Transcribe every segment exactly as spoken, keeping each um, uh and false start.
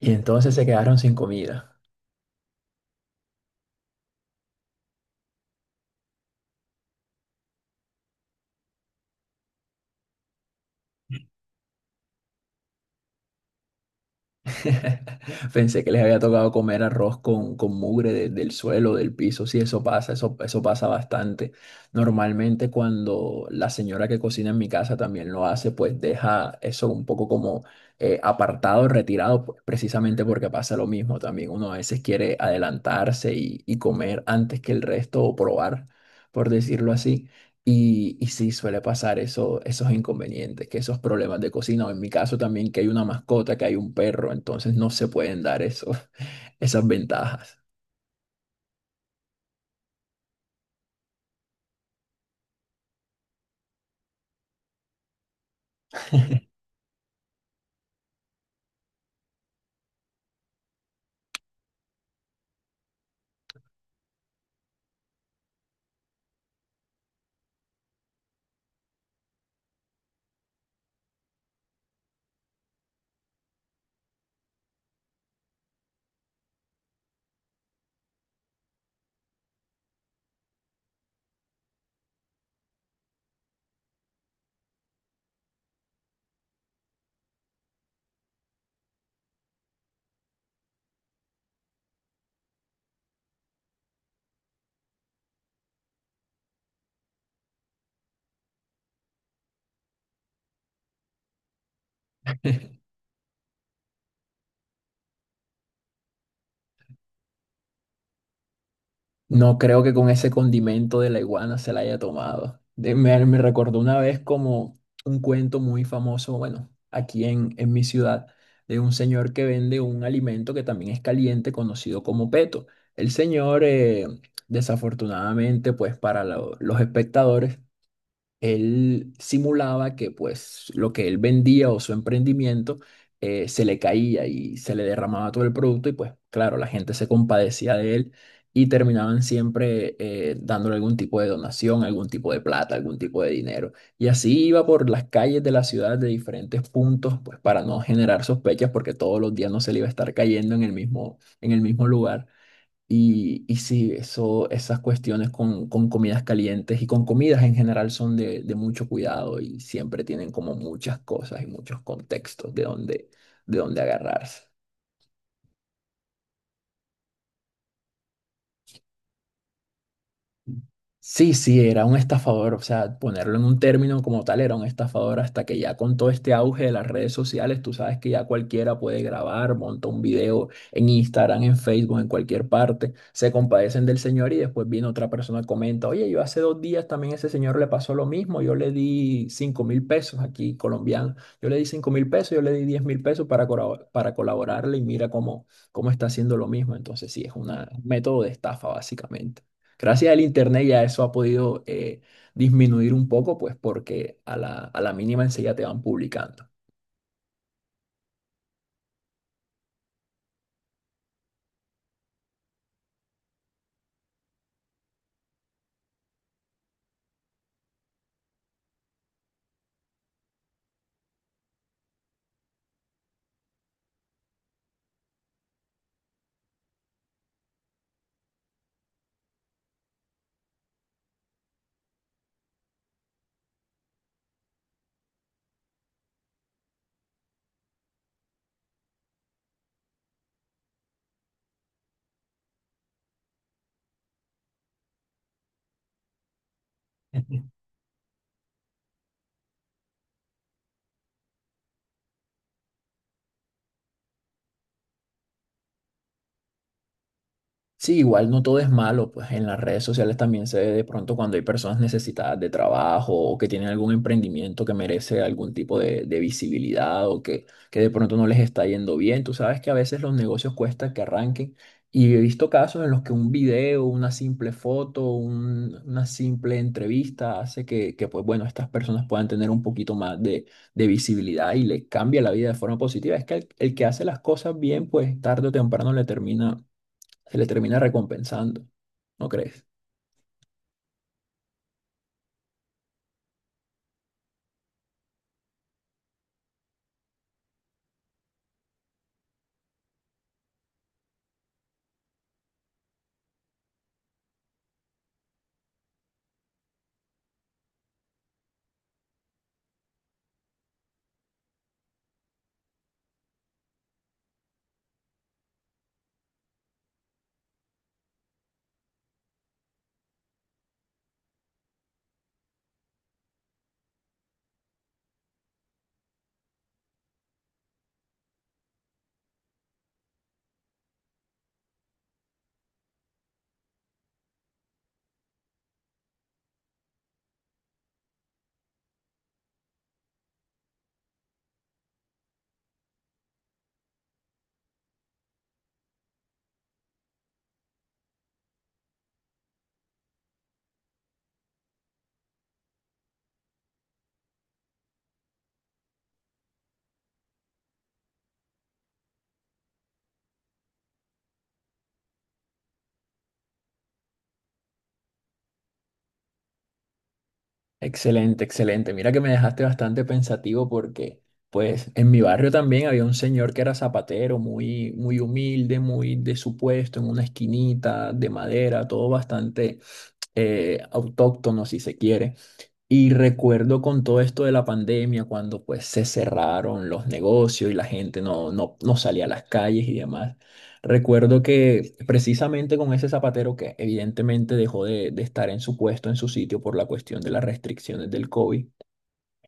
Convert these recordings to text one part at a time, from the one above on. Y entonces se quedaron sin comida. Pensé que les había tocado comer arroz con, con mugre de- del suelo, del piso. Sí, eso pasa, eso, eso pasa bastante. Normalmente cuando la señora que cocina en mi casa también lo hace, pues deja eso un poco como eh, apartado, retirado, pues, precisamente porque pasa lo mismo también. Uno a veces quiere adelantarse y, y comer antes que el resto o probar, por decirlo así. Y, y sí, suele pasar eso, esos inconvenientes, que esos problemas de cocina, o en mi caso también que hay una mascota, que hay un perro, entonces no se pueden dar eso, esas ventajas. No creo que con ese condimento de la iguana se la haya tomado. De- me, me recordó una vez como un cuento muy famoso, bueno, aquí en, en mi ciudad, de un señor que vende un alimento que también es caliente, conocido como peto. El señor, eh, desafortunadamente, pues para lo- los espectadores, él simulaba que pues lo que él vendía o su emprendimiento eh, se le caía y se le derramaba todo el producto y pues claro, la gente se compadecía de él y terminaban siempre eh, dándole algún tipo de donación, algún tipo de plata, algún tipo de dinero. Y así iba por las calles de la ciudad de diferentes puntos pues para no generar sospechas porque todos los días no se le iba a estar cayendo en el mismo, en el mismo lugar. Y, y sí, eso, esas cuestiones con, con comidas calientes y con comidas en general son de, de mucho cuidado y siempre tienen como muchas cosas y muchos contextos de donde, de donde agarrarse. Sí, sí, era un estafador, o sea, ponerlo en un término como tal, era un estafador hasta que ya con todo este auge de las redes sociales, tú sabes que ya cualquiera puede grabar, monta un video en Instagram, en Facebook, en cualquier parte, se compadecen del señor y después viene otra persona, y comenta, oye, yo hace dos días también a ese señor le pasó lo mismo, yo le di cinco mil pesos aquí colombiano, yo le di cinco mil pesos, yo le di diez mil pesos para, colabo- para colaborarle y mira cómo, cómo está haciendo lo mismo, entonces sí, es una- un método de estafa básicamente. Gracias al internet ya eso ha podido eh, disminuir un poco, pues porque a la, a la mínima enseguida te van publicando. Sí, igual no todo es malo, pues en las redes sociales también se ve de pronto cuando hay personas necesitadas de trabajo o que tienen algún emprendimiento que merece algún tipo de, de visibilidad o que, que de pronto no les está yendo bien. Tú sabes que a veces los negocios cuesta que arranquen y he visto casos en los que un video, una simple foto, un- una simple entrevista hace que, que, pues bueno, estas personas puedan tener un poquito más de, de visibilidad y les cambia la vida de forma positiva. Es que el, el que hace las cosas bien, pues tarde o temprano le termina se le termina recompensando, ¿no crees? Excelente, excelente. Mira que me dejaste bastante pensativo porque, pues, en mi barrio también había un señor que era zapatero, muy, muy humilde, muy de su puesto, en una esquinita de madera, todo bastante eh, autóctono, si se quiere. Y recuerdo con todo esto de la pandemia, cuando pues se cerraron los negocios y la gente no, no, no salía a las calles y demás. Recuerdo que precisamente con ese zapatero que evidentemente dejó de, de estar en su puesto, en su sitio por la cuestión de las restricciones del COVID,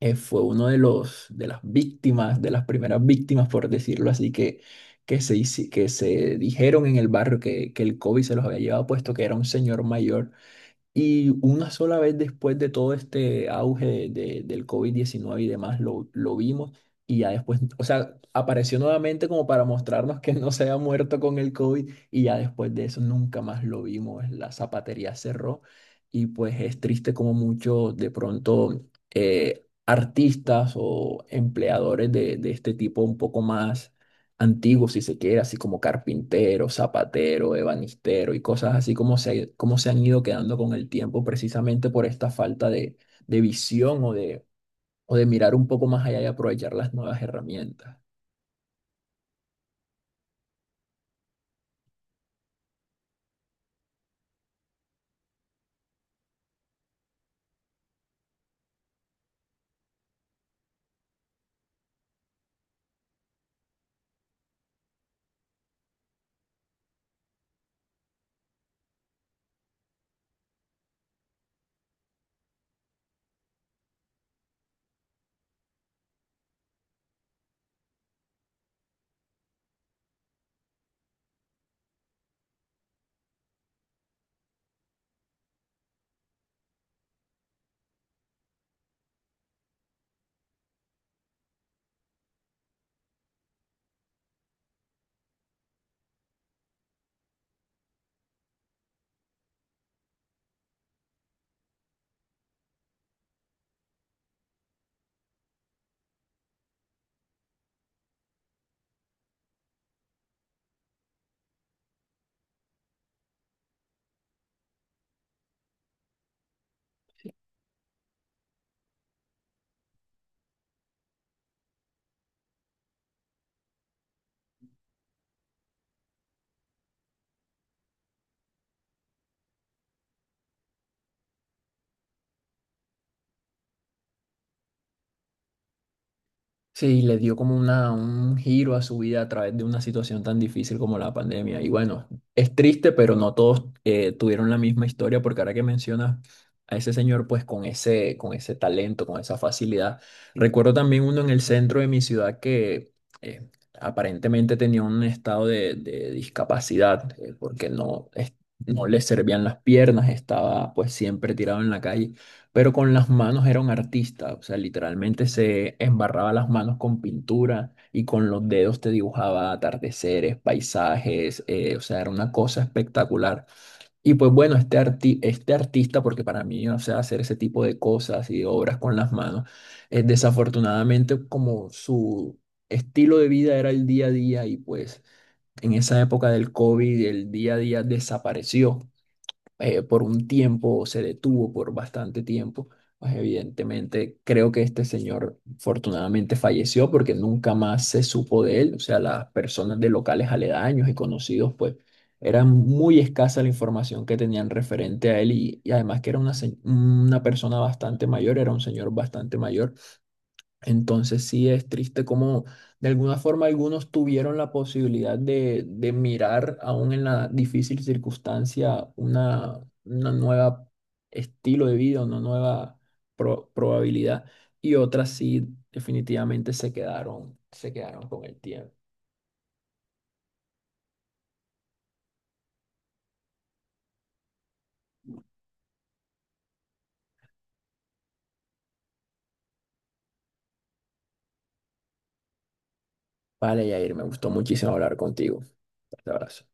eh, fue uno de los, de las víctimas, de las primeras víctimas, por decirlo así, que, que se, hici- que se dijeron en el barrio que, que el COVID se los había llevado puesto, que era un señor mayor y una sola vez después de todo este auge de- de- del covid diecinueve y demás, lo, lo vimos y ya después, o sea, apareció nuevamente como para mostrarnos que no se había muerto con el COVID y ya después de eso nunca más lo vimos. La zapatería cerró y pues es triste como muchos de pronto eh, artistas o empleadores de, de este tipo un poco más antiguo, si se quiere, así como carpintero, zapatero, ebanistero y cosas así como se, como se han ido quedando con el tiempo precisamente por esta falta de, de visión o de, o de mirar un poco más allá y aprovechar las nuevas herramientas. Sí, le dio como una, un giro a su vida a través de una situación tan difícil como la pandemia. Y bueno, es triste, pero no todos eh, tuvieron la misma historia, porque ahora que mencionas a ese señor, pues con ese, con ese talento, con esa facilidad. Recuerdo también uno en el centro de mi ciudad que eh, aparentemente tenía un estado de, de discapacidad, eh, porque no, es- no le servían las piernas, estaba pues siempre tirado en la calle pero con las manos era un artista, o sea, literalmente se embarraba las manos con pintura y con los dedos te dibujaba atardeceres, paisajes, eh, o sea, era una cosa espectacular. Y pues bueno, este arti- este artista, porque para mí, o sea, hacer ese tipo de cosas y obras con las manos, eh, desafortunadamente como su estilo de vida era el día a día y pues en esa época del COVID el día a día desapareció eh, por un tiempo, se detuvo por bastante tiempo. Pues evidentemente creo que este señor afortunadamente falleció porque nunca más se supo de él. O sea, las personas de locales aledaños y conocidos, pues era muy escasa la información que tenían referente a él y, y además que era una, se- una persona bastante mayor, era un señor bastante mayor. Entonces sí es triste como de alguna forma algunos tuvieron la posibilidad de, de mirar aún en la difícil circunstancia una, una nueva estilo de vida, una nueva pro- probabilidad y otras sí definitivamente se quedaron, se quedaron con el tiempo. Vale, Yair, me gustó muchísimo hablar contigo. Fuerte abrazo.